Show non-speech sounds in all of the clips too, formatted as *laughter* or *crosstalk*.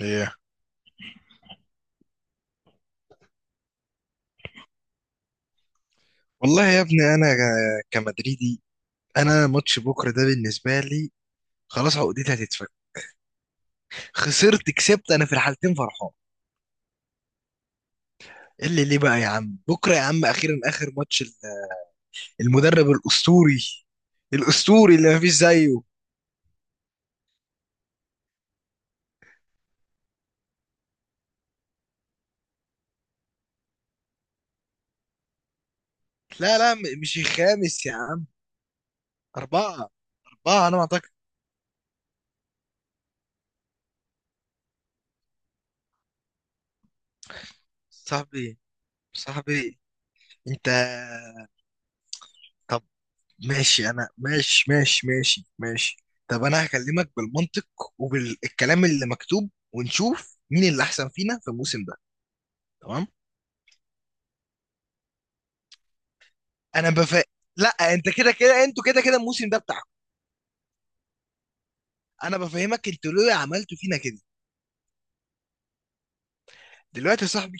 ايه. والله يا ابني انا كمدريدي. انا ماتش بكره ده بالنسبه لي خلاص عقدتي هتتفك. خسرت كسبت انا في الحالتين فرحان. إيه اللي ليه بقى يا عم؟ بكره يا عم اخيرا اخر ماتش المدرب الاسطوري، الاسطوري اللي مفيش زيه. لا لا، مش الخامس يا عم، اربعه. اربعه انا ما اعتقد. صاحبي، صاحبي، انت ماشي، انا ماشي ماشي ماشي ماشي. طب انا هكلمك بالمنطق وبالكلام اللي مكتوب ونشوف مين اللي احسن فينا في الموسم ده، تمام؟ انا بف... لا انت كده كده، انتوا كده كده الموسم ده بتاعكم. انا بفهمك، انتوا ليه عملتوا فينا كده؟ دلوقتي يا صاحبي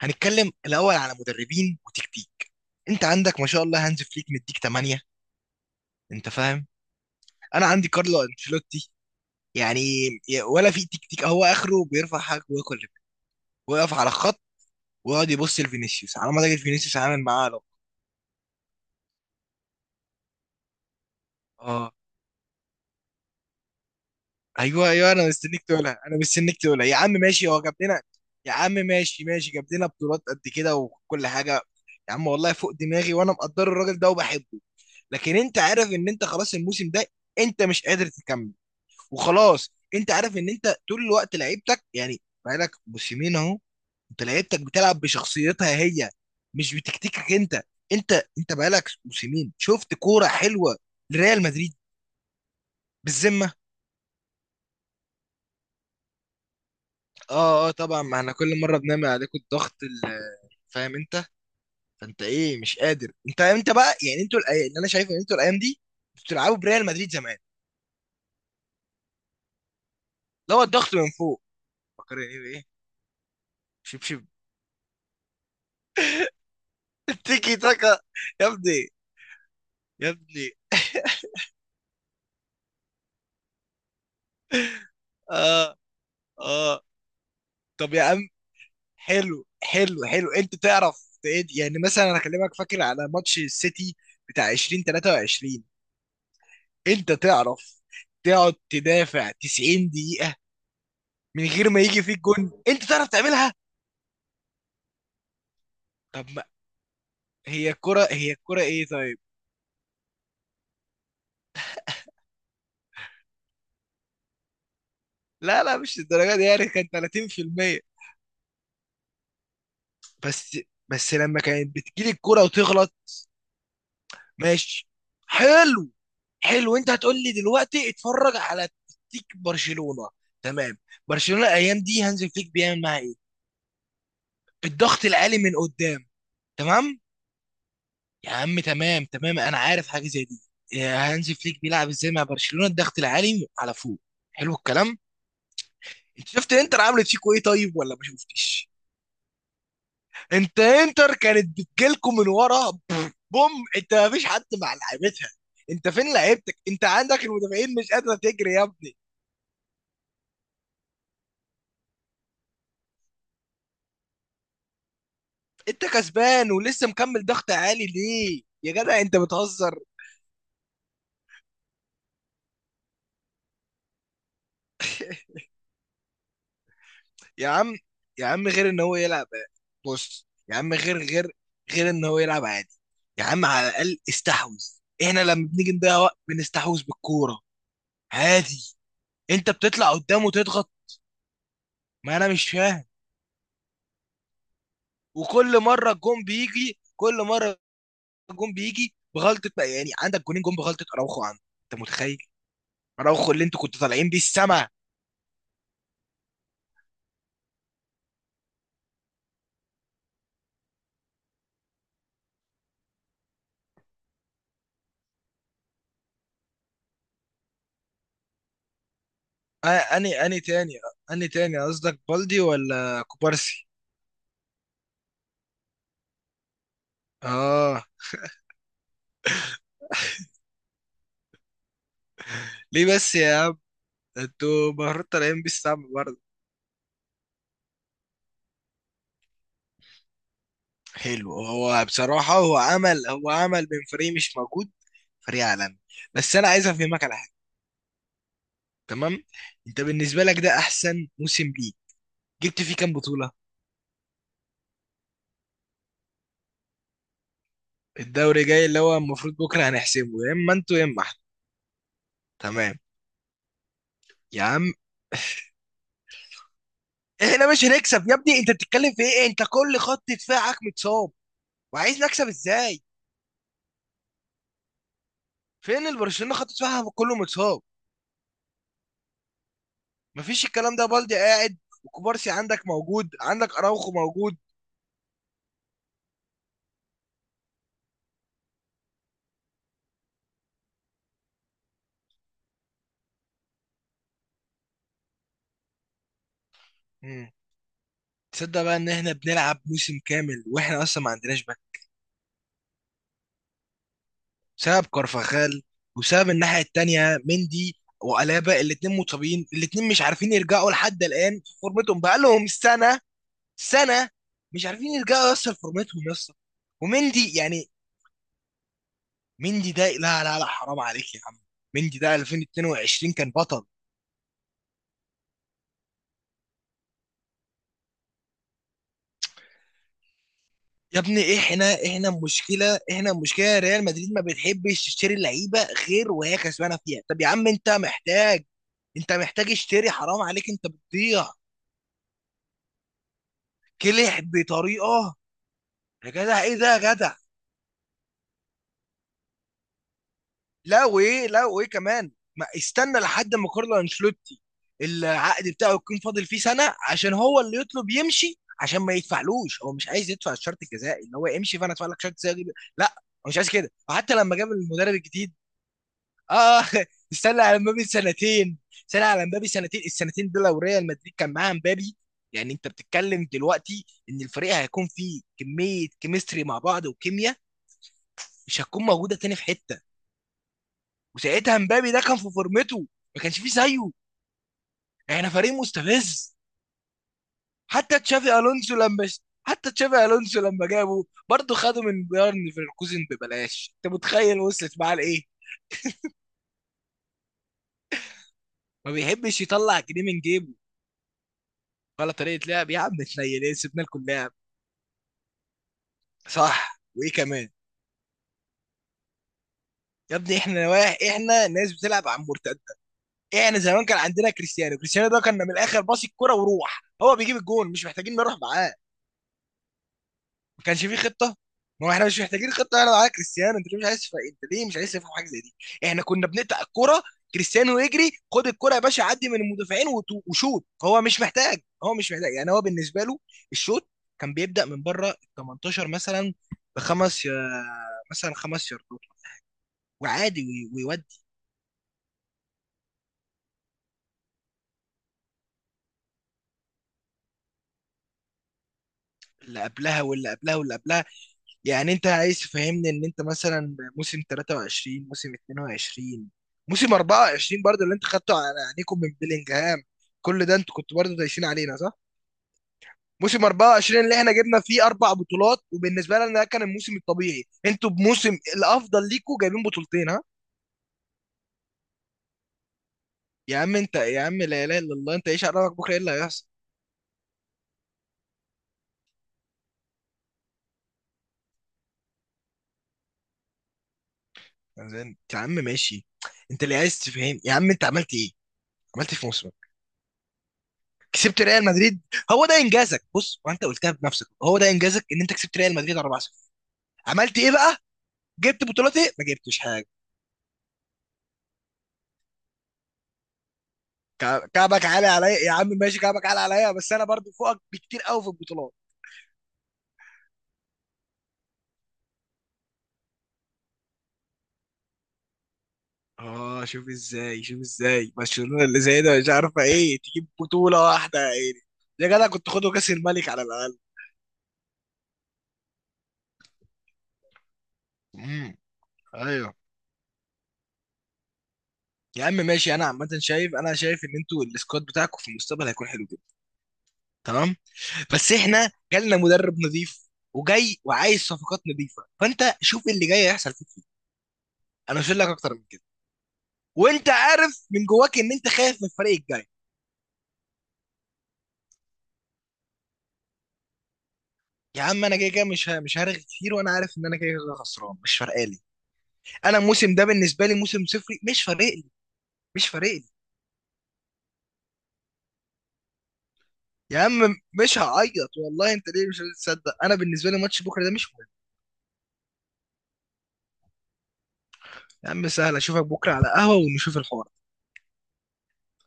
هنتكلم الاول على مدربين وتكتيك. انت عندك ما شاء الله هانز فليك مديك 8، انت فاهم؟ انا عندي كارلو انشيلوتي، يعني ولا في تكتيك، هو اخره بيرفع حاجه وياكل رجل، ويقف على الخط ويقعد يبص لفينيسيوس على ما تجد فينيسيوس عامل معاه علاقه. اه. ايوه ايوه، انا مستنيك تقولها، انا مستنيك تقولها يا عم. ماشي، هو جاب لنا، يا عم ماشي ماشي، جاب لنا بطولات قد كده وكل حاجه، يا عم والله فوق دماغي وانا مقدر الراجل ده وبحبه، لكن انت عارف ان انت خلاص الموسم ده انت مش قادر تكمل. وخلاص انت عارف ان انت طول الوقت لعيبتك، يعني بقالك موسمين اهو، انت لعيبتك بتلعب بشخصيتها هي، مش بتكتيكك انت. انت انت بقالك موسمين شفت كوره حلوه لريال مدريد، بالذمه؟ اه اه طبعا، ما احنا كل مره بنعمل عليكم الضغط فاهم انت؟ فانت ايه؟ مش قادر. انت بقى يعني، انتوا اللي انا شايفه ان انتوا الايام دي انتوا بتلعبوا بريال مدريد زمان لو الضغط من فوق، فاكرين ايه بايه؟ شب شب. *laughs* تيكي تاكا. يا ابني، يا ابني، اه اه. طب يا عم، حلو حلو حلو، انت تعرف يعني مثلا انا هكلمك فاكر على ماتش السيتي بتاع 2023، انت تعرف تقعد تدافع 90 دقيقة من غير ما يجي فيك جون، انت تعرف تعملها، طب ما هي الكرة، هي الكرة ايه طيب؟ لا لا، مش الدرجة دي، يعني كان 30%. بس بس لما كانت بتجيلي الكرة وتغلط. ماشي، حلو حلو، انت هتقول لي دلوقتي اتفرج على تكتيك برشلونة، تمام. برشلونة الايام دي هانزي فليك بيعمل معاها ايه؟ الضغط العالي من قدام، تمام. يا عم تمام تمام، انا عارف حاجة زي دي، يا هانزي فليك بيلعب ازاي مع برشلونة، الضغط العالي على فوق، حلو الكلام. شفت انتر عملت فيكوا ايه طيب، ولا ما شفتش؟ انت انتر كانت بتجيلكوا من ورا، بوم، انت ما فيش حد مع لعيبتها، انت فين لعيبتك؟ انت عندك المدافعين مش قادره تجري يا ابني. انت كسبان ولسه مكمل ضغط عالي ليه يا جدع؟ انت بتهزر؟ يا عم، يا عم، غير ان هو يلعب، بص يا عم، غير غير، غير ان هو يلعب عادي، يا عم على الاقل استحوذ. احنا لما بنيجي نضيع وقت بنستحوذ بالكوره عادي، انت بتطلع قدام وتضغط. ما انا مش فاهم. وكل مره الجون بيجي، كل مره الجون بيجي بغلطه، بقى يعني عندك جونين، جون بغلطه، اراوخو عندك، انت متخيل؟ اراوخو اللي انتوا كنتوا طالعين بيه السما. آه، اني تاني، اني تاني قصدك، بالدي ولا كوبارسي؟ اه، ليه بس يا عم؟ ده انتوا المفروض طالعين بيه السما برضه. حلو، هو بصراحه، هو عمل من فريق مش موجود فريق عالمي. بس انا عايز افهمك على حاجه، تمام؟ انت بالنسبه لك ده احسن موسم ليك، جبت فيه كام بطوله؟ الدوري جاي اللي هو المفروض بكره هنحسمه، يا اما انتوا يا اما احنا. تمام يا عم، احنا مش هنكسب يا ابني، انت بتتكلم في ايه؟ انت كل خط دفاعك متصاب وعايز نكسب ازاي؟ فين البرشلونه خط دفاعها كله متصاب؟ مفيش الكلام ده، بالدي قاعد، وكوبارسي عندك موجود، عندك اراوخو موجود. مم. تصدق بقى ان احنا بنلعب موسم كامل واحنا اصلا ما عندناش باك بسبب كارفاخال، وسبب الناحيه التانيه مندي وألابا، الاتنين مصابين، الاتنين مش عارفين يرجعوا لحد الآن في فورمتهم بقالهم سنة. سنه مش عارفين يرجعوا يوصل فورمتهم يا اسطى. ومندي يعني، مندي ده لا لا لا، حرام عليك يا عم، مندي ده 2022 كان بطل. يا ابني احنا مشكله، احنا مشكله ريال مدريد ما بتحبش تشتري لعيبه غير وهي كسبانه فيها. طب يا عم انت محتاج، انت محتاج اشتري، حرام عليك، انت بتضيع. كلح بطريقه. يا جدع ايه ده يا جدع؟ لا وايه؟ لا وايه كمان؟ ما استنى لحد ما كارلو انشيلوتي العقد بتاعه يكون فاضل فيه سنه، عشان هو اللي يطلب يمشي، عشان ما يدفعلوش، هو مش عايز يدفع الشرط الجزائي ان هو يمشي، فانا ادفع لك شرط جزائي. لا، هو مش عايز كده، وحتى لما جاب المدرب الجديد. اه *laughs* استنى على مبابي سنتين، استنى على مبابي سنتين، السنتين دول لو ريال مدريد كان معاه مبابي، يعني انت بتتكلم دلوقتي ان الفريق هيكون فيه كميه كيمستري مع بعض، وكيمياء مش هتكون موجوده تاني في حته. وساعتها مبابي ده كان في فورمته، ما كانش فيه زيه، يعني احنا فريق مستفز. حتى تشافي الونسو لما، حتى تشافي الونسو لما جابه، برضه خده من بايرن ليفركوزن ببلاش، انت متخيل وصلت معاه لايه؟ ما بيحبش يطلع جنيه من جيبه. ولا طريقه لعب يا عم، اتنيل ايه، سيبنا لكم لعب. صح وايه كمان؟ يا ابني احنا واحد، احنا ناس بتلعب على المرتده. احنا زمان كان عندنا كريستيانو، كريستيانو ده كان من الاخر باص الكرة وروح، هو بيجيب الجون، مش محتاجين نروح معاه. ما كانش فيه خطه، ما هو احنا مش محتاجين خطه، انا معاك كريستيانو، انت ليه مش عايز انت ليه مش عايز تفهم حاجه زي دي؟ احنا كنا بنقطع الكره، كريستيانو يجري خد الكره يا باشا، عدي من المدافعين وشوط. هو مش محتاج، هو مش محتاج، يعني هو بالنسبه له الشوط كان بيبدا من بره ال 18 مثلا، بخمس يا- مثلا خمس ياردات وعادي ويودي. اللي قبلها واللي قبلها واللي قبلها، يعني انت عايز تفهمني ان انت مثلا موسم 23 موسم 22 موسم 24 برضه اللي انت خدته على عينيكم من بيلينجهام، كل ده انتوا كنتوا برضه دايسين علينا، صح؟ موسم 24 اللي احنا جبنا فيه اربع بطولات وبالنسبه لنا ده كان الموسم الطبيعي، انتوا بموسم الافضل ليكوا جايبين بطولتين، ها؟ يا عم، انت يا عم لا اله الا الله، انت ايش عرفك بكره ايه اللي هيحصل؟ يا عم ماشي، انت اللي عايز تفهم يا عم، انت عملت ايه؟ عملت ايه في موسمك؟ كسبت ريال مدريد، هو ده انجازك. بص وانت قلتها بنفسك، هو ده انجازك ان انت كسبت ريال مدريد 4-0. عملت ايه بقى؟ جبت بطولات ايه؟ ما جبتش حاجه. كعبك عالي عليا يا عم، ماشي كعبك عالي عليا، بس انا برضو فوقك بكتير قوي في البطولات. اه، شوف ازاي، شوف ازاي برشلونه اللي زي ده مش عارفه ايه تجيب بطوله واحده، يا عيني يا جدع، كنت خدوا كاس الملك على الاقل. امم. ايوه، يا عم ماشي، انا عامه شايف، انا شايف ان انتوا السكواد بتاعكم في المستقبل هيكون حلو جدا. تمام، بس احنا جالنا مدرب نظيف وجاي وعايز صفقات نظيفه، فانت شوف إيه اللي جاي هيحصل فيك ايه، انا مش هقول لك اكتر من كده. وانت عارف من جواك ان انت خايف من الفريق الجاي. يا عم انا كده كده مش هرغي كتير، وانا عارف ان انا كده كده خسران مش فارقه لي. انا الموسم ده بالنسبه لي موسم صفري، مش فارق لي، مش فارق لي. يا عم مش هعيط والله، انت ليه مش هتصدق؟ انا بالنسبه لي ماتش بكره ده مش مهم. يا عم سهل اشوفك بكره على قهوه ونشوف الحوار.